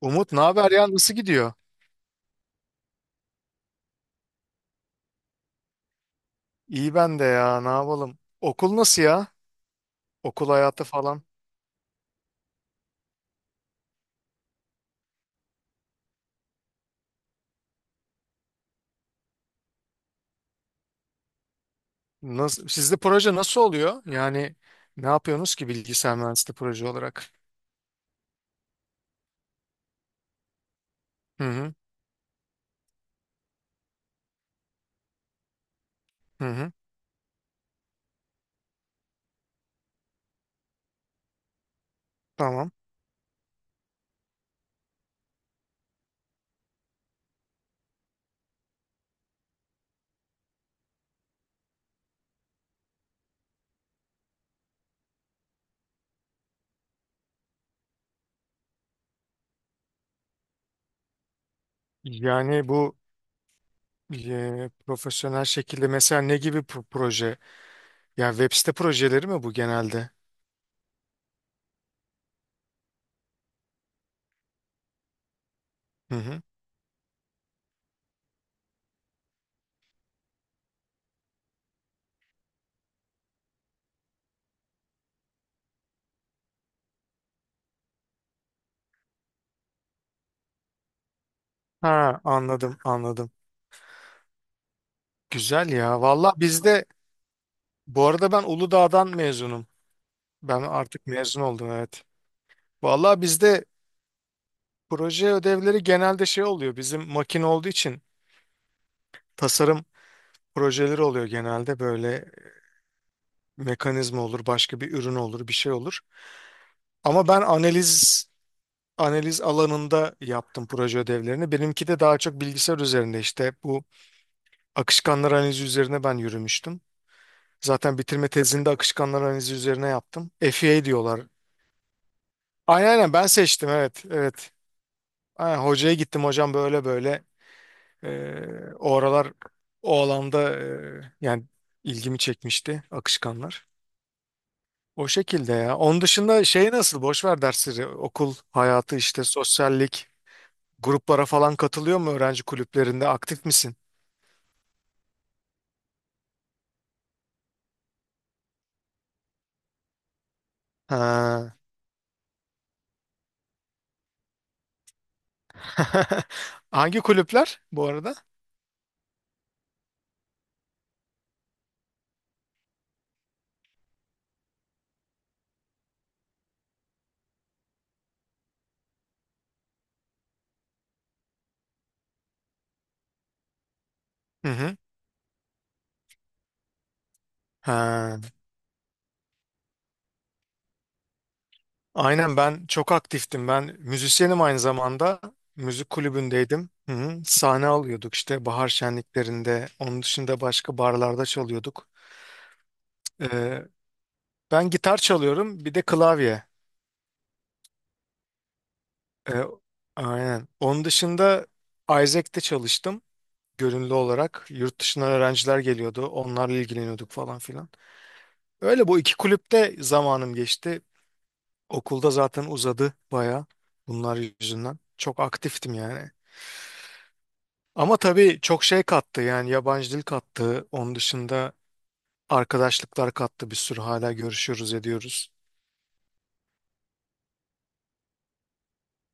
Umut, ne haber ya, nasıl gidiyor? İyi, ben de ya, ne yapalım? Okul nasıl ya? Okul hayatı falan. Nasıl, sizde proje nasıl oluyor? Yani ne yapıyorsunuz ki bilgisayar mühendisliği proje olarak? Hı hı, hı hı, tamam. Yani bu profesyonel şekilde mesela ne gibi proje? Yani web site projeleri mi bu genelde? Hı hı. Ha, anladım anladım. Güzel ya. Valla, bizde bu arada, ben Uludağ'dan mezunum. Ben artık mezun oldum, evet. Valla, bizde proje ödevleri genelde şey oluyor. Bizim makine olduğu için tasarım projeleri oluyor genelde. Böyle mekanizma olur, başka bir ürün olur, bir şey olur. Ama ben analiz alanında yaptım proje ödevlerini. Benimki de daha çok bilgisayar üzerinde işte bu akışkanlar analizi üzerine ben yürümüştüm. Zaten bitirme tezini de akışkanlar analizi üzerine yaptım. FEA diyorlar. Aynen aynen, ben seçtim, evet evet. Aynen, hocaya gittim, hocam böyle böyle. O aralar o alanda yani ilgimi çekmişti akışkanlar. O şekilde ya. Onun dışında şey nasıl? Boş ver dersleri. Okul hayatı, işte sosyallik. Gruplara falan katılıyor mu, öğrenci kulüplerinde? Aktif misin? Ha. Hangi kulüpler bu arada? Hı hı. Ha. Aynen, ben çok aktiftim. Ben müzisyenim aynı zamanda. Müzik kulübündeydim. Hı hı. Sahne alıyorduk işte bahar şenliklerinde. Onun dışında başka barlarda çalıyorduk. Ee, Ben gitar çalıyorum, bir de klavye. Ee, aynen. Onun dışında Isaac'te çalıştım, gönüllü olarak. Yurt dışından öğrenciler geliyordu, onlarla ilgileniyorduk falan filan. Öyle, bu iki kulüpte zamanım geçti. Okulda zaten uzadı baya bunlar yüzünden. Çok aktiftim yani. Ama tabii çok şey kattı, yani yabancı dil kattı. Onun dışında arkadaşlıklar kattı bir sürü, hala görüşüyoruz ediyoruz.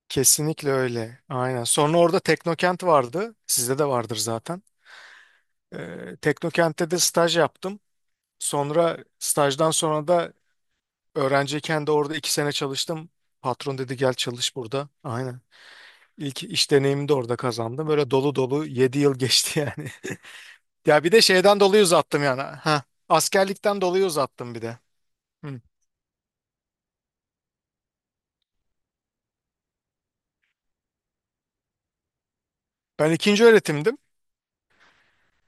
Kesinlikle öyle. Aynen. Sonra orada Teknokent vardı. Sizde de vardır zaten. Teknokent'te de staj yaptım. Sonra stajdan sonra da öğrenciyken de orada iki sene çalıştım. Patron dedi gel çalış burada. Aynen. İlk iş deneyimimi de orada kazandım. Böyle dolu dolu 7 yıl geçti yani. Ya bir de şeyden dolayı uzattım yani. Ha, askerlikten dolayı uzattım bir de. Hı. Ben ikinci öğretimdim.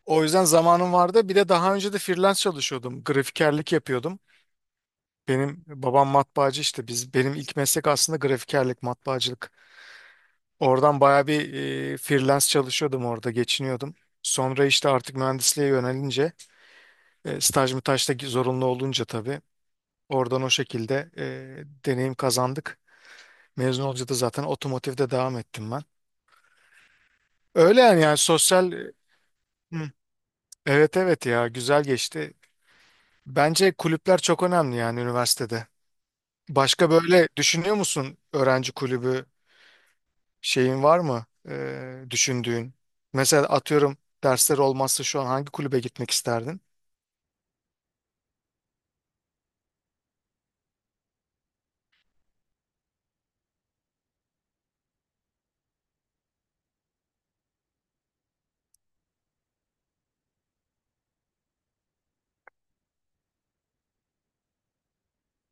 O yüzden zamanım vardı. Bir de daha önce de freelance çalışıyordum. Grafikerlik yapıyordum. Benim babam matbaacı, işte biz, benim ilk meslek aslında grafikerlik, matbaacılık. Oradan baya bir freelance çalışıyordum, orada geçiniyordum. Sonra işte artık mühendisliğe yönelince staj mütaj da zorunlu olunca tabii oradan o şekilde deneyim kazandık. Mezun olunca da zaten otomotivde devam ettim ben. Öyle yani, yani sosyal. Hı. Evet evet ya, güzel geçti. Bence kulüpler çok önemli yani, üniversitede. Başka böyle düşünüyor musun öğrenci kulübü? Şeyin var mı düşündüğün? Mesela atıyorum, dersler olmazsa şu an hangi kulübe gitmek isterdin?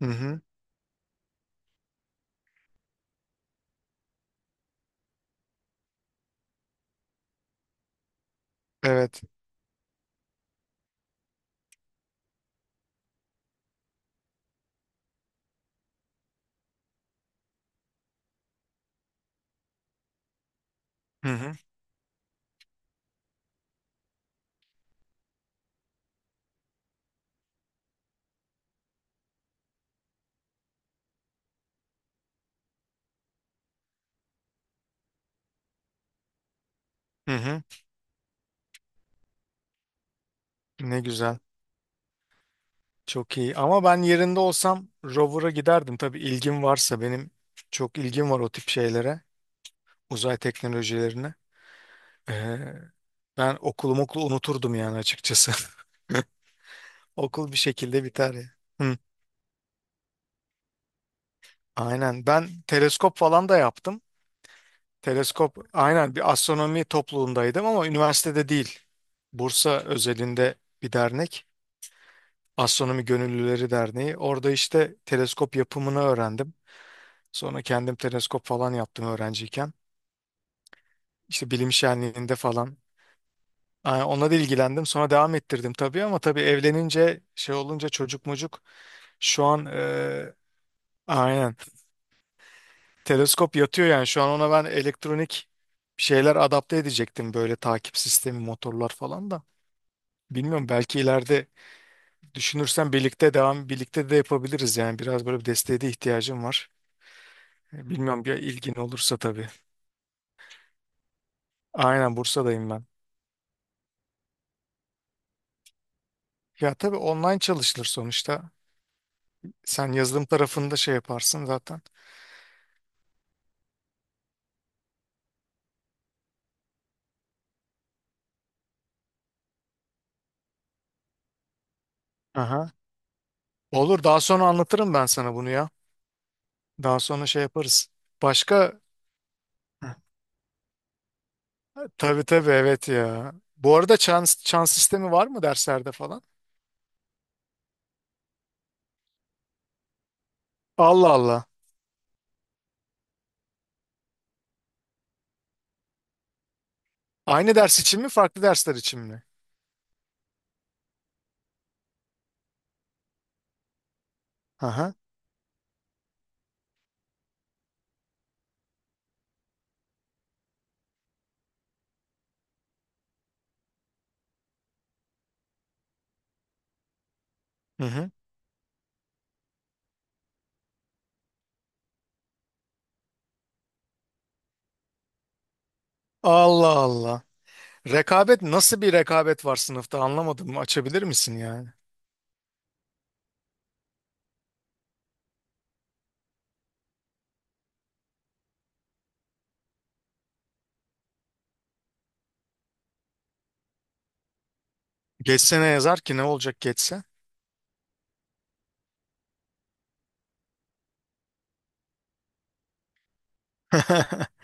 Hı hı. Evet. Hı hı. Hı hı. Ne güzel. Çok iyi. Ama ben yerinde olsam rover'a giderdim. Tabii ilgim varsa, benim çok ilgim var o tip şeylere. Uzay teknolojilerine. Eee, Ben okulumu, okulu unuturdum yani açıkçası. Okul bir şekilde biter ya. Hı. Aynen. Ben teleskop falan da yaptım. Teleskop, aynen, bir astronomi topluluğundaydım ama üniversitede değil. Bursa özelinde bir dernek. Astronomi Gönüllüleri Derneği. Orada işte teleskop yapımını öğrendim. Sonra kendim teleskop falan yaptım öğrenciyken. İşte bilim şenliğinde falan. Aa, ona da ilgilendim. Sonra devam ettirdim tabii ama tabii evlenince, şey olunca, çocuk mucuk, şu an aynen teleskop yatıyor yani şu an. Ona ben elektronik bir şeyler adapte edecektim, böyle takip sistemi, motorlar falan da. Bilmiyorum, belki ileride düşünürsen birlikte devam, birlikte de yapabiliriz yani, biraz böyle bir desteğe de ihtiyacım var. Bilmiyorum, bir ilgin olursa tabii. Aynen, Bursa'dayım ben. Ya tabii, online çalışılır sonuçta. Sen yazılım tarafında şey yaparsın zaten. Aha. Olur, daha sonra anlatırım ben sana bunu ya. Daha sonra şey yaparız. Başka. Tabii tabii, evet ya. Bu arada çans, sistemi var mı derslerde falan? Allah Allah. Aynı ders için mi, farklı dersler için mi? Aha. Hı hı. Allah Allah. Rekabet, nasıl bir rekabet var sınıfta, anlamadım. Açabilir misin yani? Geçse ne yazar ki, ne olacak geçse?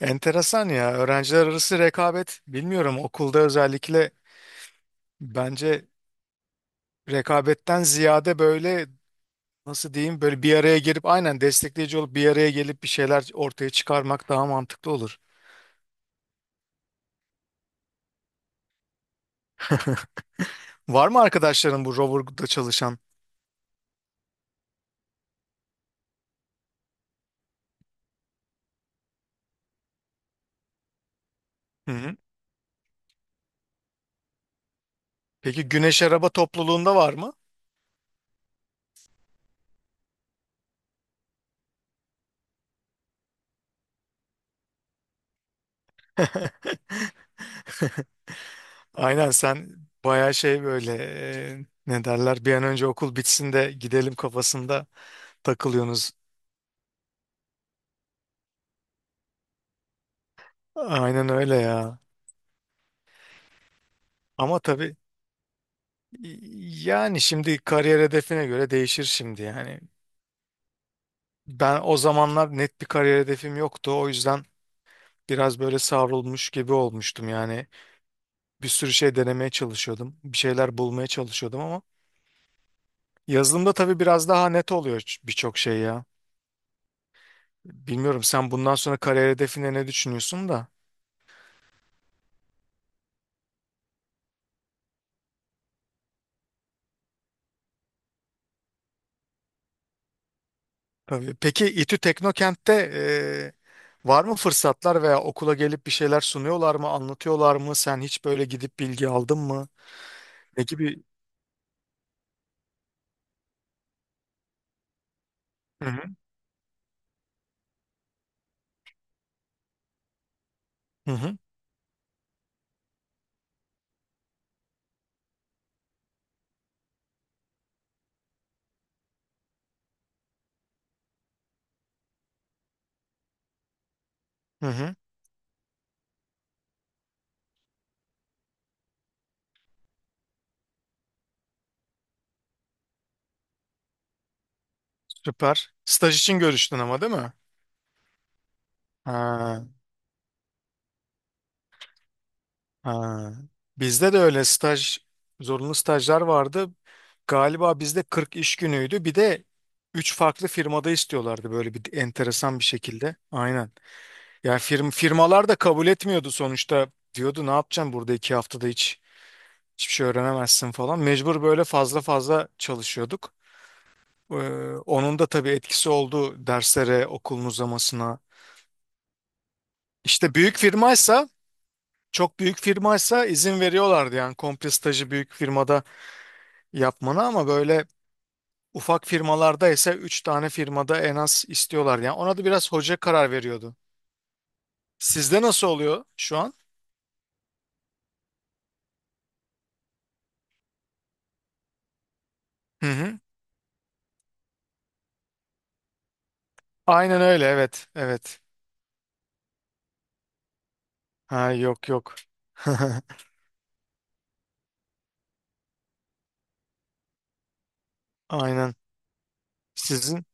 Enteresan ya. Öğrenciler arası rekabet, bilmiyorum, okulda özellikle bence rekabetten ziyade böyle, nasıl diyeyim, böyle bir araya gelip, aynen, destekleyici olup bir araya gelip bir şeyler ortaya çıkarmak daha mantıklı olur. Var mı arkadaşların bu rover'da çalışan? Hı hı. Peki Güneş Araba topluluğunda var mı? Aynen, sen bayağı şey böyle ne derler, bir an önce okul bitsin de gidelim kafasında takılıyorsunuz. Aynen öyle ya. Ama tabii, yani şimdi kariyer hedefine göre değişir şimdi yani. Ben o zamanlar net bir kariyer hedefim yoktu. O yüzden biraz böyle savrulmuş gibi olmuştum yani. Bir sürü şey denemeye çalışıyordum. Bir şeyler bulmaya çalışıyordum ama yazılımda tabii biraz daha net oluyor, birçok şey ya. Bilmiyorum, sen bundan sonra kariyer hedefine ne düşünüyorsun da. Tabii. Peki İTÜ Teknokent'te var mı fırsatlar, veya okula gelip bir şeyler sunuyorlar mı, anlatıyorlar mı? Sen hiç böyle gidip bilgi aldın mı? Ne gibi? Hı hı. Hı hı. Hı hı. Süper. Staj için görüştün ama değil mi? Ha. Ha. Bizde de öyle staj, zorunlu stajlar vardı. Galiba bizde 40 iş günüydü. Bir de 3 farklı firmada istiyorlardı, böyle bir enteresan bir şekilde. Aynen. Yani firm, da kabul etmiyordu sonuçta. Diyordu ne yapacaksın burada 2 haftada, hiçbir şey öğrenemezsin falan. Mecbur böyle fazla fazla çalışıyorduk. Ee, Onun da tabii etkisi oldu derslere, okulun uzamasına. İşte büyük firmaysa, çok büyük firmaysa izin veriyorlardı yani komple stajı büyük firmada yapmanı, ama böyle ufak firmalarda ise 3 tane firmada en az istiyorlar. Yani ona da biraz hoca karar veriyordu. Sizde nasıl oluyor şu an? Hı hı. Aynen öyle, evet evet. Ha yok yok. Aynen. Sizin?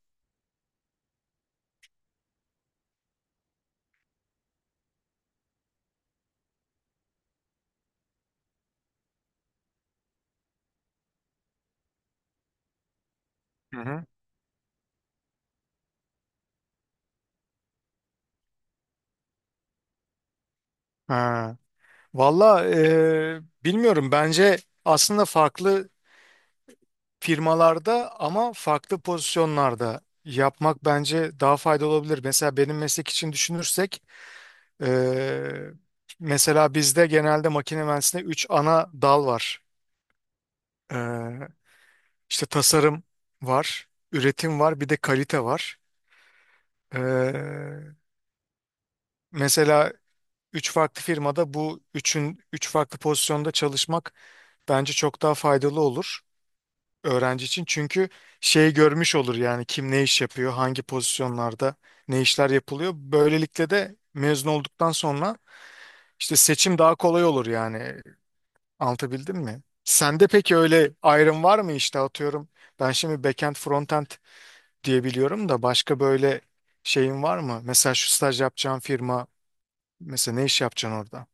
Hı hı. Ha. Valla bilmiyorum, bence aslında farklı firmalarda ama farklı pozisyonlarda yapmak bence daha faydalı olabilir. Mesela benim meslek için düşünürsek Ee, mesela bizde genelde makine mühendisliğinde 3 ana dal var. Ee, işte tasarım var, üretim var, bir de kalite var. Ee, Mesela 3 farklı firmada bu üçün, üç farklı pozisyonda çalışmak bence çok daha faydalı olur öğrenci için. Çünkü şey görmüş olur yani, kim ne iş yapıyor, hangi pozisyonlarda ne işler yapılıyor. Böylelikle de mezun olduktan sonra işte seçim daha kolay olur yani. Anlatabildim mi? Sende peki öyle ayrım var mı işte atıyorum. Ben şimdi backend frontend diyebiliyorum da, başka böyle şeyin var mı? Mesela şu staj yapacağın firma, mesela ne iş yapacaksın orada?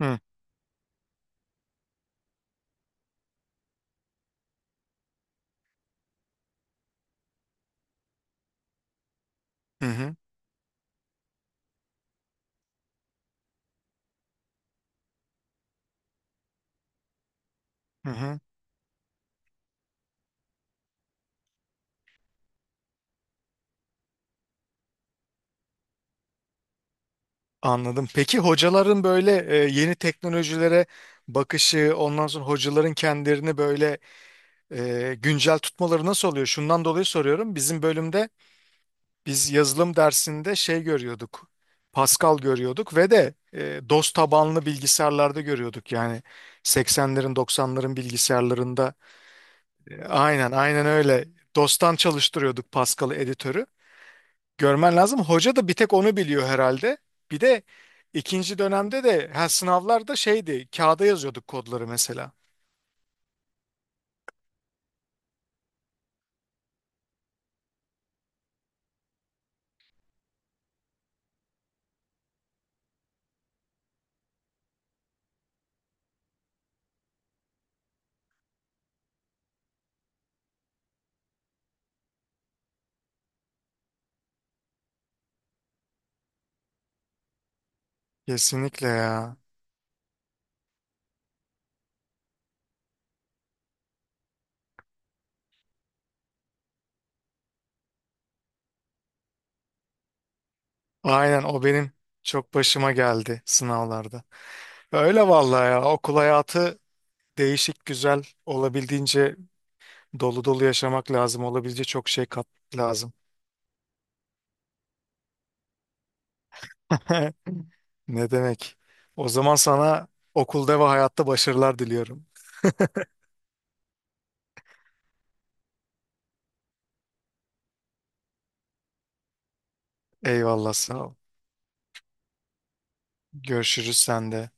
Hı hı hı. Hı hı. Anladım. Peki hocaların böyle yeni teknolojilere bakışı, ondan sonra hocaların kendilerini böyle güncel tutmaları nasıl oluyor? Şundan dolayı soruyorum. Bizim bölümde biz yazılım dersinde şey görüyorduk. Pascal görüyorduk ve de DOS tabanlı bilgisayarlarda görüyorduk. Yani 80'lerin 90'ların bilgisayarlarında, aynen aynen öyle. DOS'tan çalıştırıyorduk Pascal'ı editörü. Görmen lazım. Hoca da bir tek onu biliyor herhalde. Bir de ikinci dönemde de, ha, sınavlarda şeydi, kağıda yazıyorduk kodları mesela. Kesinlikle ya. Aynen, o benim çok başıma geldi sınavlarda. Öyle vallahi ya, okul hayatı değişik, güzel, olabildiğince dolu dolu yaşamak lazım. Olabildiğince çok şey kat lazım. Ne demek? O zaman sana okulda ve hayatta başarılar diliyorum. Eyvallah, sağ ol. Görüşürüz sende.